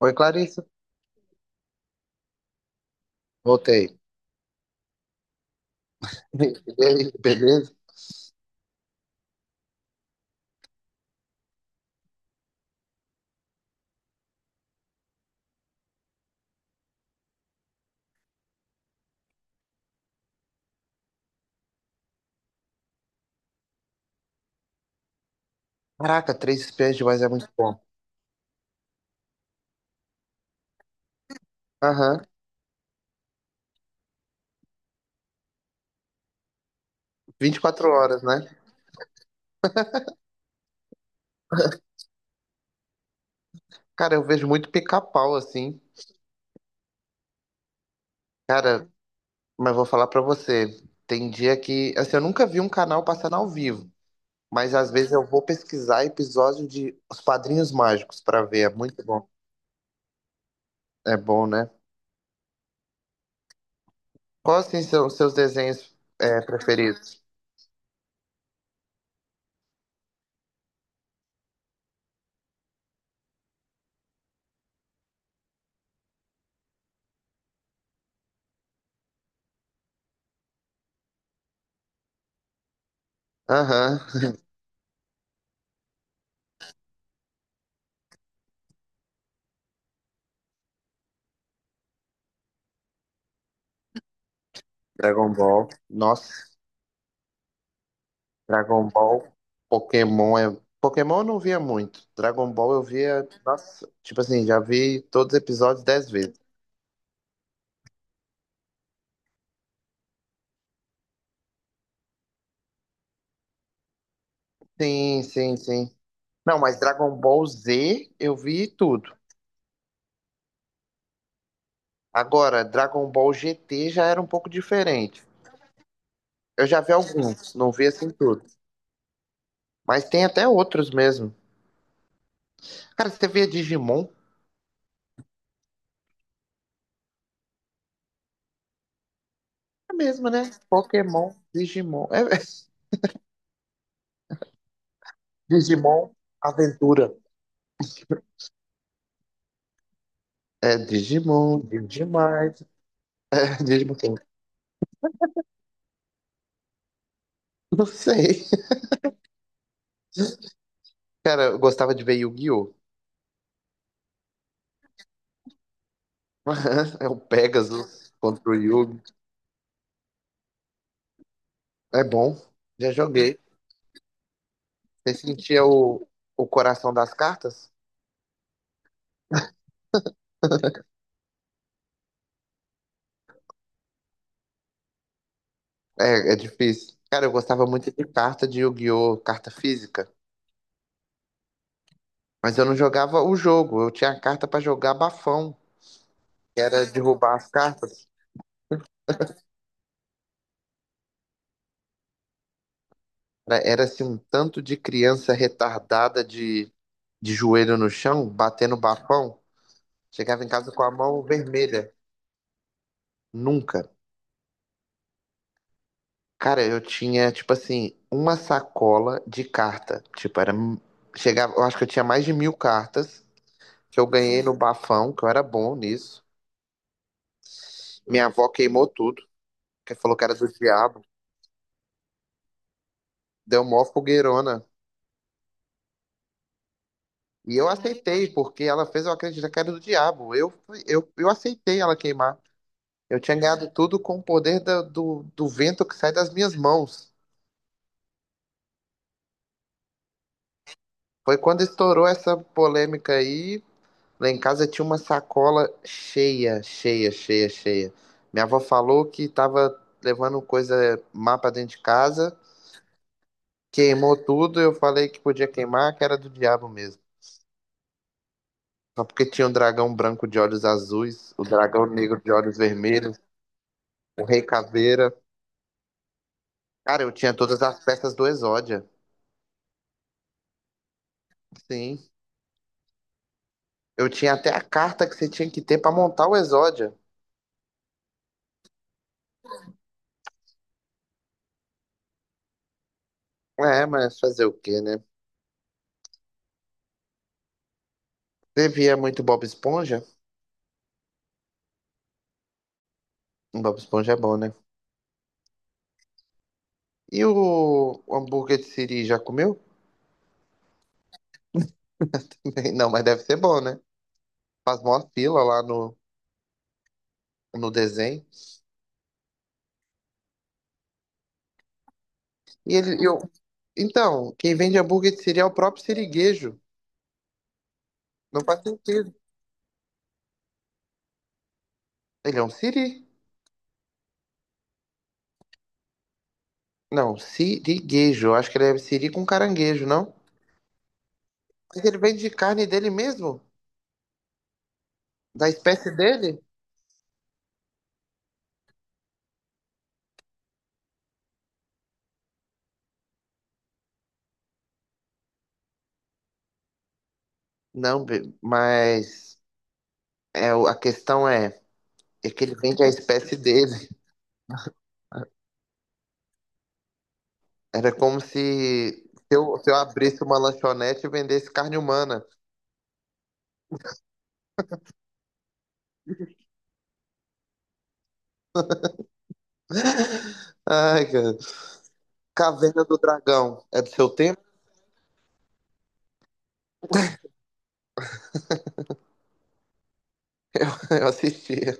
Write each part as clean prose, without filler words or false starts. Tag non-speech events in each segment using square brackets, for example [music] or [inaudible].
Oi, Clarissa. Voltei. E aí, beleza? Caraca, três espiãs demais é muito bom. Aham. 24 horas, né? Cara, eu vejo muito pica-pau, assim. Cara, mas vou falar pra você. Tem dia que. Assim, eu nunca vi um canal passando ao vivo. Mas às vezes eu vou pesquisar episódio de Os Padrinhos Mágicos pra ver. É muito bom. É bom, né? Quais, assim, são seus desenhos preferidos? Aham. [laughs] Dragon Ball. Nossa. Dragon Ball, Pokémon é. Pokémon eu não via muito. Dragon Ball eu via. Nossa, tipo assim, já vi todos os episódios 10 vezes. Sim, sim, sim. Não, mas Dragon Ball Z eu vi tudo. Agora, Dragon Ball GT já era um pouco diferente. Eu já vi alguns, não vi assim tudo. Mas tem até outros mesmo. Cara, você via Digimon? É mesmo, né? Pokémon, Digimon. É, é. [laughs] Digimon Aventura. É Digimon, Digimon, [laughs] Digimon quem? Não sei. Cara, eu gostava de ver Yu-Gi-Oh! [laughs] É o Pegasus contra o Yu. É bom. Já joguei. Você sentia o coração das cartas? É, é difícil. Cara, eu gostava muito de carta de Yu-Gi-Oh! Carta física. Mas eu não jogava o jogo. Eu tinha a carta pra jogar bafão, que era derrubar as cartas. Era, era assim, um tanto de criança retardada de joelho no chão, batendo bafão. Chegava em casa com a mão vermelha. Nunca. Cara, eu tinha, tipo assim, uma sacola de carta. Tipo, era. Chegava, eu acho que eu tinha mais de 1.000 cartas que eu ganhei no bafão, que eu era bom nisso. Minha avó queimou tudo, que falou que era do diabo. Deu mó fogueirona. E eu aceitei, porque ela fez eu acreditar que era do diabo. Eu, eu aceitei ela queimar. Eu tinha ganhado tudo com o poder do, do vento que sai das minhas mãos. Foi quando estourou essa polêmica aí. Lá em casa tinha uma sacola cheia, cheia, cheia, cheia. Minha avó falou que tava levando coisa má pra dentro de casa, queimou tudo. Eu falei que podia queimar, que era do diabo mesmo. Só porque tinha um dragão branco de olhos azuis, o dragão negro de olhos vermelhos, o rei caveira. Cara, eu tinha todas as peças do Exódia. Sim. Eu tinha até a carta que você tinha que ter pra montar o Exódia. É, mas fazer o quê, né? Você via muito Bob Esponja? Bob Esponja é bom, né? E o hambúrguer de Siri já comeu? [laughs] Não, mas deve ser bom, né? Faz mó fila lá no, no desenho. E ele, eu, então, quem vende hambúrguer de Siri é o próprio siriguejo. Não faz sentido. Ele é um siri. Não, siriguejo. Eu acho que ele é siri com caranguejo, não? Mas ele vende carne dele mesmo? Da espécie dele? Não, mas a questão é, é que ele vende a espécie dele. Era como se, se eu abrisse uma lanchonete e vendesse carne humana. Ai, cara. Caverna do Dragão. É do seu tempo? [laughs] Eu assistia.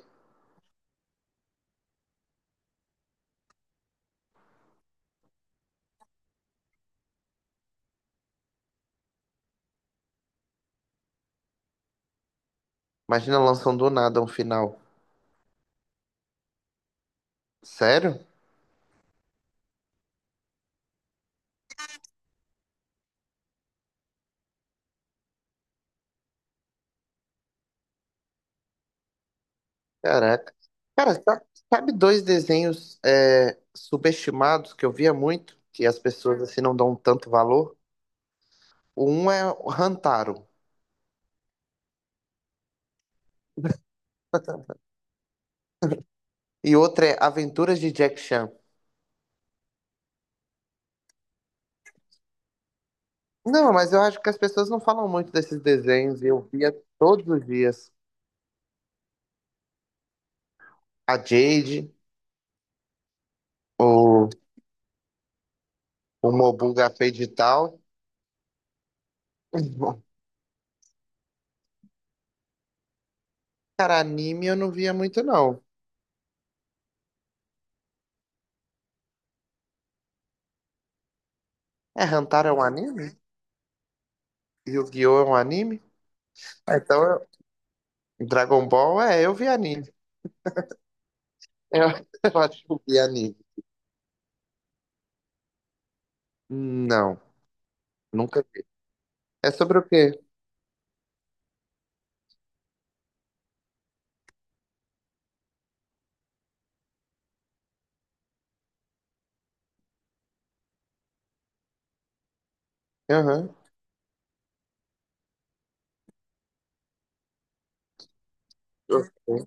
Imagina lançando do nada um final. Sério? Caraca. Cara, sabe dois desenhos subestimados que eu via muito, que as pessoas assim não dão tanto valor? Um é o Hantaro e outro é Aventuras de Jack Chan. Não, mas eu acho que as pessoas não falam muito desses desenhos e eu via todos os dias. A Jade, o, o Mobuga Fade e tal. [laughs] Cara, anime eu não via muito, não. É, Hantaro é um anime? Yu-Gi-Oh! É um anime? Ah, então, Dragon Ball, é, eu vi anime. Eu, [laughs] eu acho que eu vi anime. Não, nunca vi. É sobre o quê? Aham. Ok.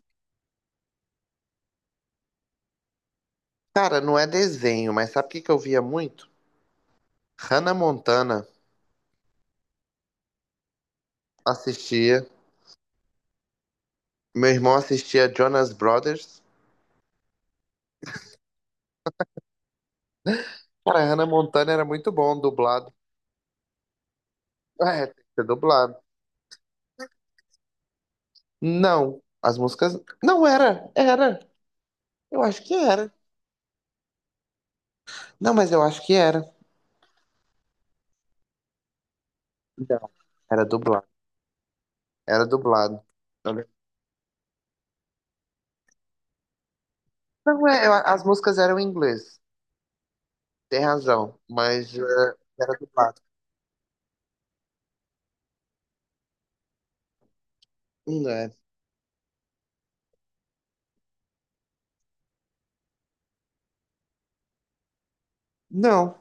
Cara, não é desenho, mas sabe o que que eu via muito? Hannah Montana assistia. Meu irmão assistia Jonas Brothers. Cara, Hannah Montana era muito bom, dublado. É, tem que ser dublado. Não, as músicas. Não era, era. Eu acho que era. Não, mas eu acho que era. Não, era dublado. Era dublado. Olha. Não, é, as músicas eram em inglês. Tem razão, mas é, era dublado. Não. É. Não.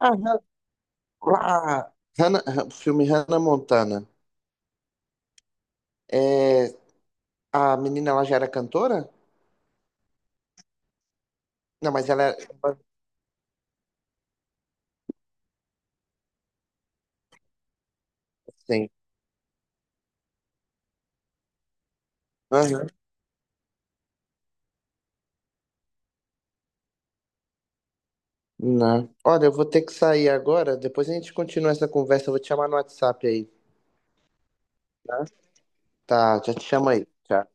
Ah, lá, filme Hannah Montana. É, a menina, ela já era cantora? Não, mas ela era... Sim. Aham. Não. Olha, eu vou ter que sair agora. Depois a gente continua essa conversa. Eu vou te chamar no WhatsApp aí, tá? Tá, já te chamo aí. Tchau.